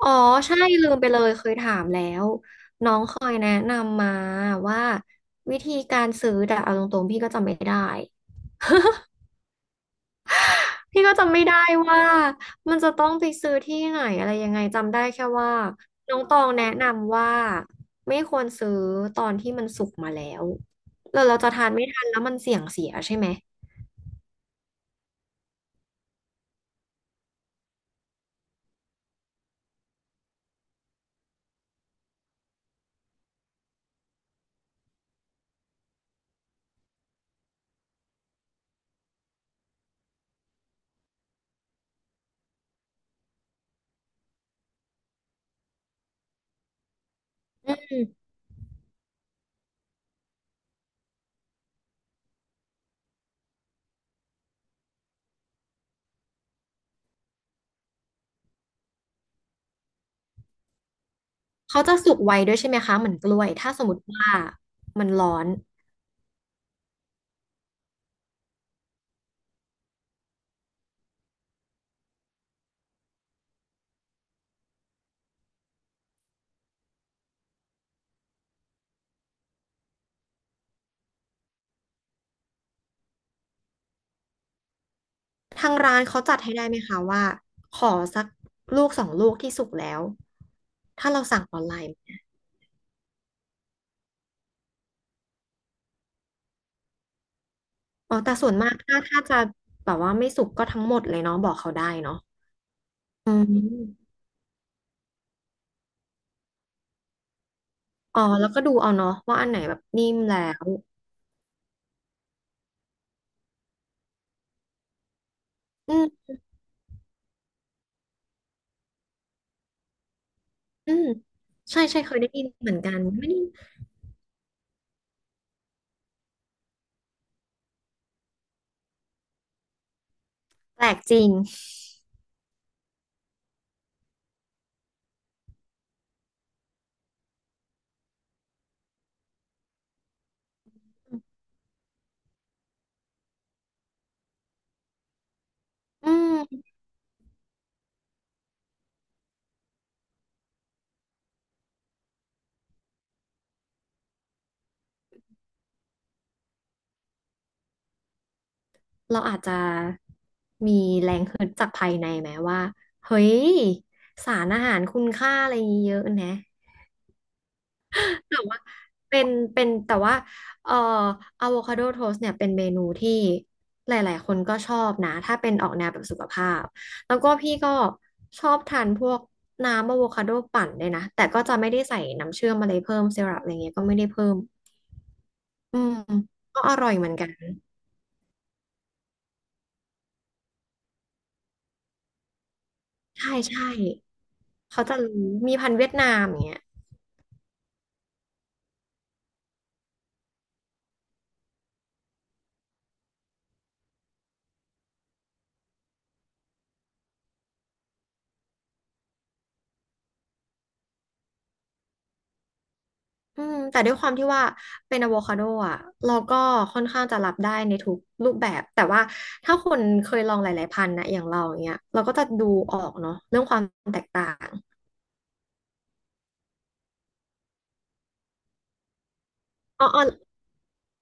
อ๋อใช่ลืมไปเลยเคยถามแล้วน้องเคยแนะนำมาว่าวิธีการซื้อแต่เอาตรงๆพี่ก็จำไม่ได้พี่ก็จำไม่ได้ว่ามันจะต้องไปซื้อที่ไหนอะไรยังไงจำได้แค่ว่าน้องตองแนะนำว่าไม่ควรซื้อตอนที่มันสุกมาแล้วแล้วเราจะทานไม่ทันแล้วมันเสี่ยงเสียใช่ไหมอืมเขาจะสุกไวด้วยใช่ไหมคะเหมือนกล้วยถ้าสมมติว่ามันร้อน ทางร้านเขาจัดให้ได้ไหมคะว่าขอสักลูกสองลูกที่สุกแล้วถ้าเราสั่งออนไลน์อ๋อแต่ส่วนมากถ้าจะแบบว่าไม่สุกก็ทั้งหมดเลยเนาะบอกเขาได้เนาะอืมอ๋อแล้วก็ดูเอาเนาะว่าอันไหนแบบนิ่มแล้วอืมอืมใช่ใช่เคยได้ยินเหมือนกันไม่ได้แปลกจริงอืมเราอาจจะมีแรงฮึดจากภายในไหมว่าเฮ้ยสารอาหารคุณค่าอะไรเยอะนะ แต่ว่าเป็นแต่ว่าเอ่ออะโวคาโดโทสเนี่ยเป็นเมนูที่หลายๆคนก็ชอบนะถ้าเป็นออกแนวแบบสุขภาพแล้วก็พี่ก็ชอบทานพวกน้ำอะโวคาโดปั่นเลยนะแต่ก็จะไม่ได้ใส่น้ำเชื่อมอะไรเพิ่มซีรัปอะไรเงี้ยก็ไม่ได้เพิ่มอืมก็อร่อยเหมือนกันใช่ใช่เขาจะรู้มีพันธุ์เวียดนามอย่างเงี้ย อืมแต่ด้วยความที่ว่าเป็นอะโวคาโดอ่ะเราก็ค่อนข้างจะรับได้ในทุกรูปแบบแต่ว่าถ้าคนเคยลองหลายๆพันธุ์นะอย่างเราอย่างเงี้ยเราก็จะดูออกเนาะเรื่องความแตกต่างอ๋ออ๋อ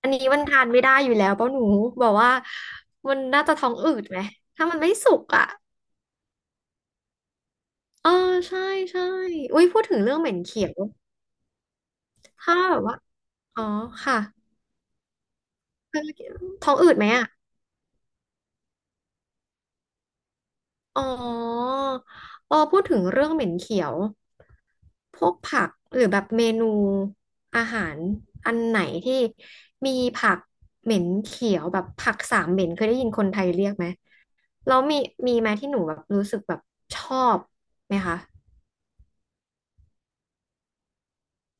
อันนี้มันทานไม่ได้อยู่แล้วเป้าหนูบอกว่ามันน่าจะท้องอืดไหมถ้ามันไม่สุกอ่ะเออใช่ใช่อุ้ยพูดถึงเรื่องเหม็นเขียวถ้าแบบว่าอ๋อค่ะท้องอืดไหมอ่ะ อ๋อเออพูดถึงเรื่องเหม็นเขียวพวกผักหรือแบบเมนูอาหารอันไหนที่มีผักเหม็นเขียวแบบผักสามเหม็นเคยได้ยินคนไทยเรียกไหมแล้วมีไหมที่หนูแบบรู้สึกแบบชอบไหมคะ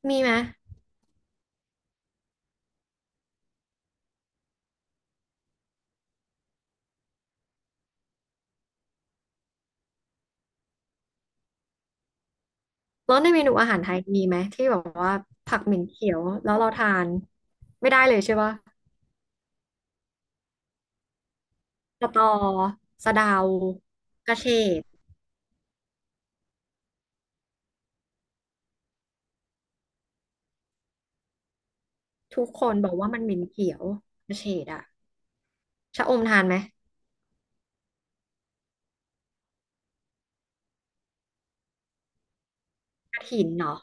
มีไหมแล้วในเมนูอาหารไทยมีไหมที่แบบว่าผักเหม็นเขียวแล้วเราทานไม่ได้เลยใช่ปะสะตอสะเดากระเฉดทุกคนบอกว่ามันเหม็นเขียวกระเฉดอะ ชะอมทานไหมกระถินเนาะ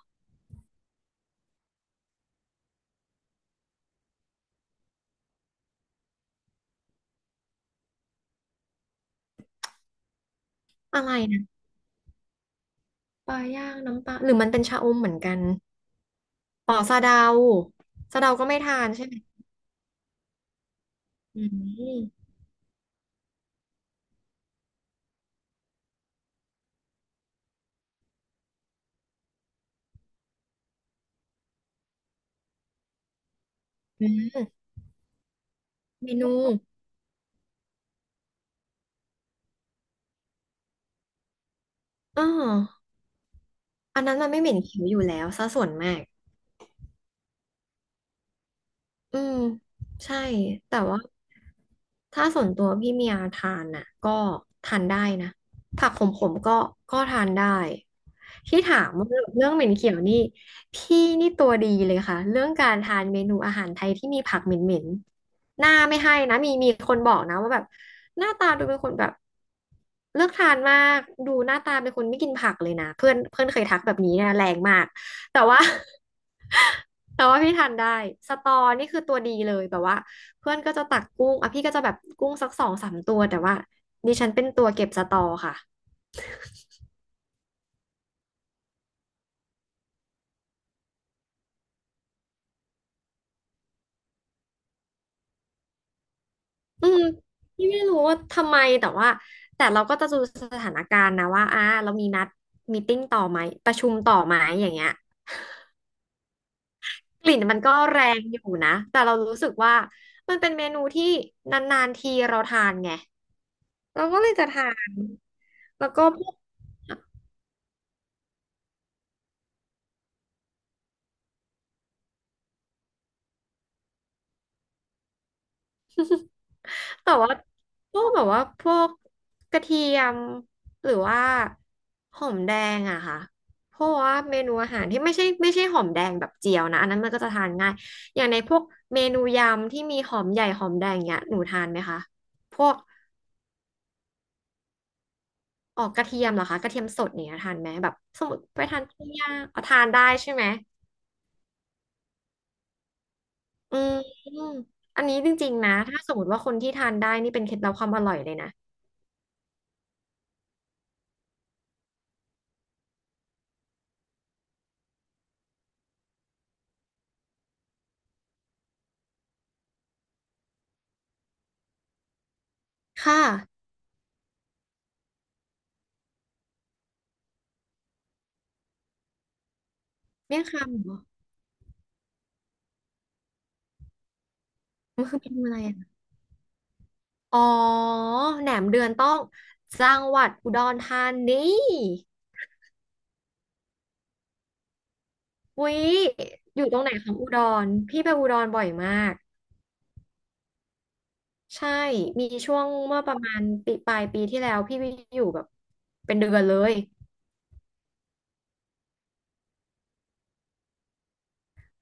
อะไรนะปลาย่างน้ำปลาหรือมันเป็นชะอมเหมือนกันอ๋อสะเดาสะเดาก็ไม่ทานใช่ไหม อืมอืมเมนูอ๋ออันนั้นมันไม่เหม็นเขียวอยู่แล้วซะส่วนมาก อืมใช่แต่ว่าถ้าส่วนตัวพี่เมียทานน่ะก็ทานได้นะผักขมๆก็ทานได้ที่ถามว่าเรื่องเหม็นเขียวนี่พี่นี่ตัวดีเลยค่ะเรื่องการทานเมนูอาหารไทยที่มีผักเหม็นๆหน้าไม่ให้นะมีคนบอกนะว่าแบบหน้าตาดูเป็นคนแบบเลือกทานมากดูหน้าตาเป็นคนไม่กินผักเลยนะเพื่อนเพื่อนเคยทักแบบนี้นะแรงมาก แต่ว่า แต่ว่าพี่ทานได้สตอนี่คือตัวดีเลยแบบว่าเพื่อนก็จะตักกุ้งอ่ะพี่ก็จะแบบกุ้งสักสองสามตัวแต่ว่าดิฉันเป็นตัวเก็บสตอค่ะอืมพี่ไม่รู้ว่าทำไมแต่ว่าเราก็จะดูสถานการณ์นะว่าอ่ะเรามีนัดมีตติ้งต่อไหมประชุมต่อไหมอย่างเงี้ยกลิ่นมันก็แรงอยู่นะแต่เรารู้สึกว่ามันเป็นเมนูที่นานๆทีเราทานไงเราก็เลยจะทานแล้วก็พวก แต่ว่าพวกแบบว่าพวกกระเทียมหรือว่าหอมแดงอะค่ะเพราะว่าเมนูอาหารที่ไม่ใช่หอมแดงแบบเจียวนะอันนั้นมันก็จะทานง่ายอย่างในพวกเมนูยำที่มีหอมใหญ่หอมแดงเนี้ยหนูทานไหมคะพวกออกกระเทียมเหรอคะกระเทียมสดเนี่ยทานไหมแบบสมมติไปทานปิ้งย่างเอาทานได้ใช่ไหมอืมอันนี้จริงๆนะถ้าสมมติว่าคนที่ทานได้นี่เป็นเคล็ดลับความอร่อยเลยนะค่ะเมี่ยงคำเหรอมันคือเมนูอะไรอะ อ๋อแหนมเดือนต้องจังหวัดอุดรธานีวิอยู่ตรงไหนของอุดรพี่ไปอุดรบ่อยมากใช่มีช่วงเมื่อประมาณปีปลายปีที่แล้วพี่ไปอยู่แบบเป็นเดือนเลย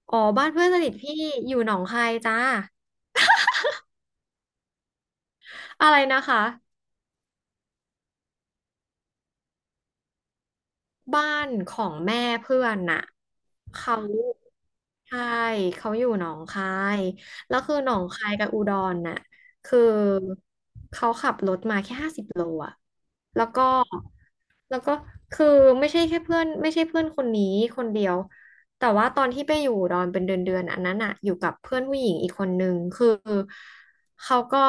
อ๋อบ้านเพื่อนสนิทพี่อยู่หนองคายจ้าอะไรนะคะบ้านของแม่เพื่อนน่ะเขาใช่เขาอยู่หนองคายแล้วคือหนองคายกับอุดรน่ะคือ โลอะแล้วก็ แล้วก็คือไม่ใช่แค่เพื่อนไม่ใช่เพื่อนคนนี้คนเดียว แต่ว่าตอนที่ไปอยู่ดอนเป็นเดือนเดือนอันนั้นอะอยู่กับเพื่อนผู้หญิงอีกคนนึงคือเขาก็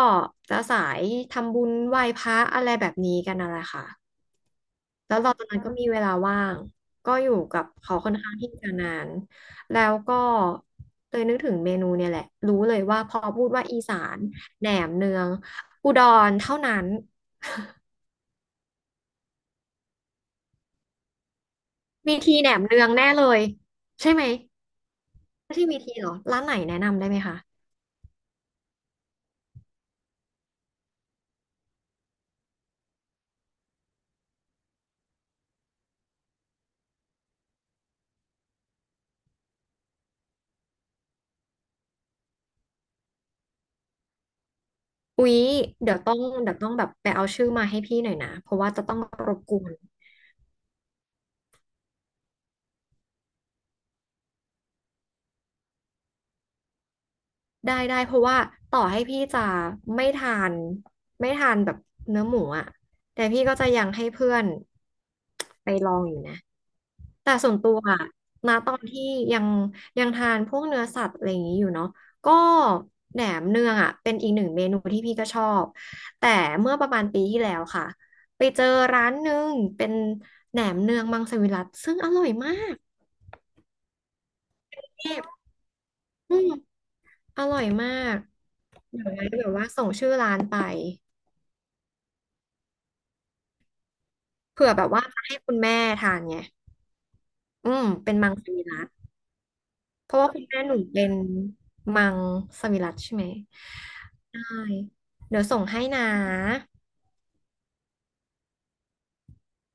จะสายทำบุญไหว้พระอะไรแบบนี้กันอะไรค่ะแล้วเราตอนนั้นก็มีเวลาว่างก็อยู่กับเขาค่อนข้างที่จะนานแล้วก็เลยนึกถึงเมนูเนี่ยแหละ รู้เลยว่าพอพูดว่าอีสานแหนมเนืองอุดรเท่านั้น มีทีแหนมเนืองแน่เลยใช่ไหมไม่ใช่มีทีเหรอร้านไหนแนะนำได้ไหมคะอุ๊ยเดี๋ยวต้องแบบไปเอาชื่อมาให้พี่หน่อยนะเพราะว่าจะต้องรบกวนได้ได้เพราะว่าต่อให้พี่จะไม่ทานแบบเนื้อหมูอะแต่พี่ก็จะยังให้เพื่อนไปลองอยู่นะ แต่ส่วนตัวอะณตอนที่ยังทานพวกเนื้อสัตว์อะไรอย่างนี้อยู่เนาะก็แหนมเนืองอ่ะเป็นอีกหนึ่งเมนูที่พี่ก็ชอบแต่เมื่อประมาณปีที่แล้วค่ะไปเจอร้านหนึ่งเป็นแหนมเนืองมังสวิรัติซึ่งอร่อยมากเทพอืมอร่อยมากเดี๋ยวไว้แบบว่าส่งชื่อร้านไปเผื่อแบบว่าจะให้คุณแม่ทานไงอืมเป็นมังสวิรัติ เพราะว่าคุณแม่หนูเป็นมังสวิรัติใช่ไหมได้เดี๋ยวส่งให้นะ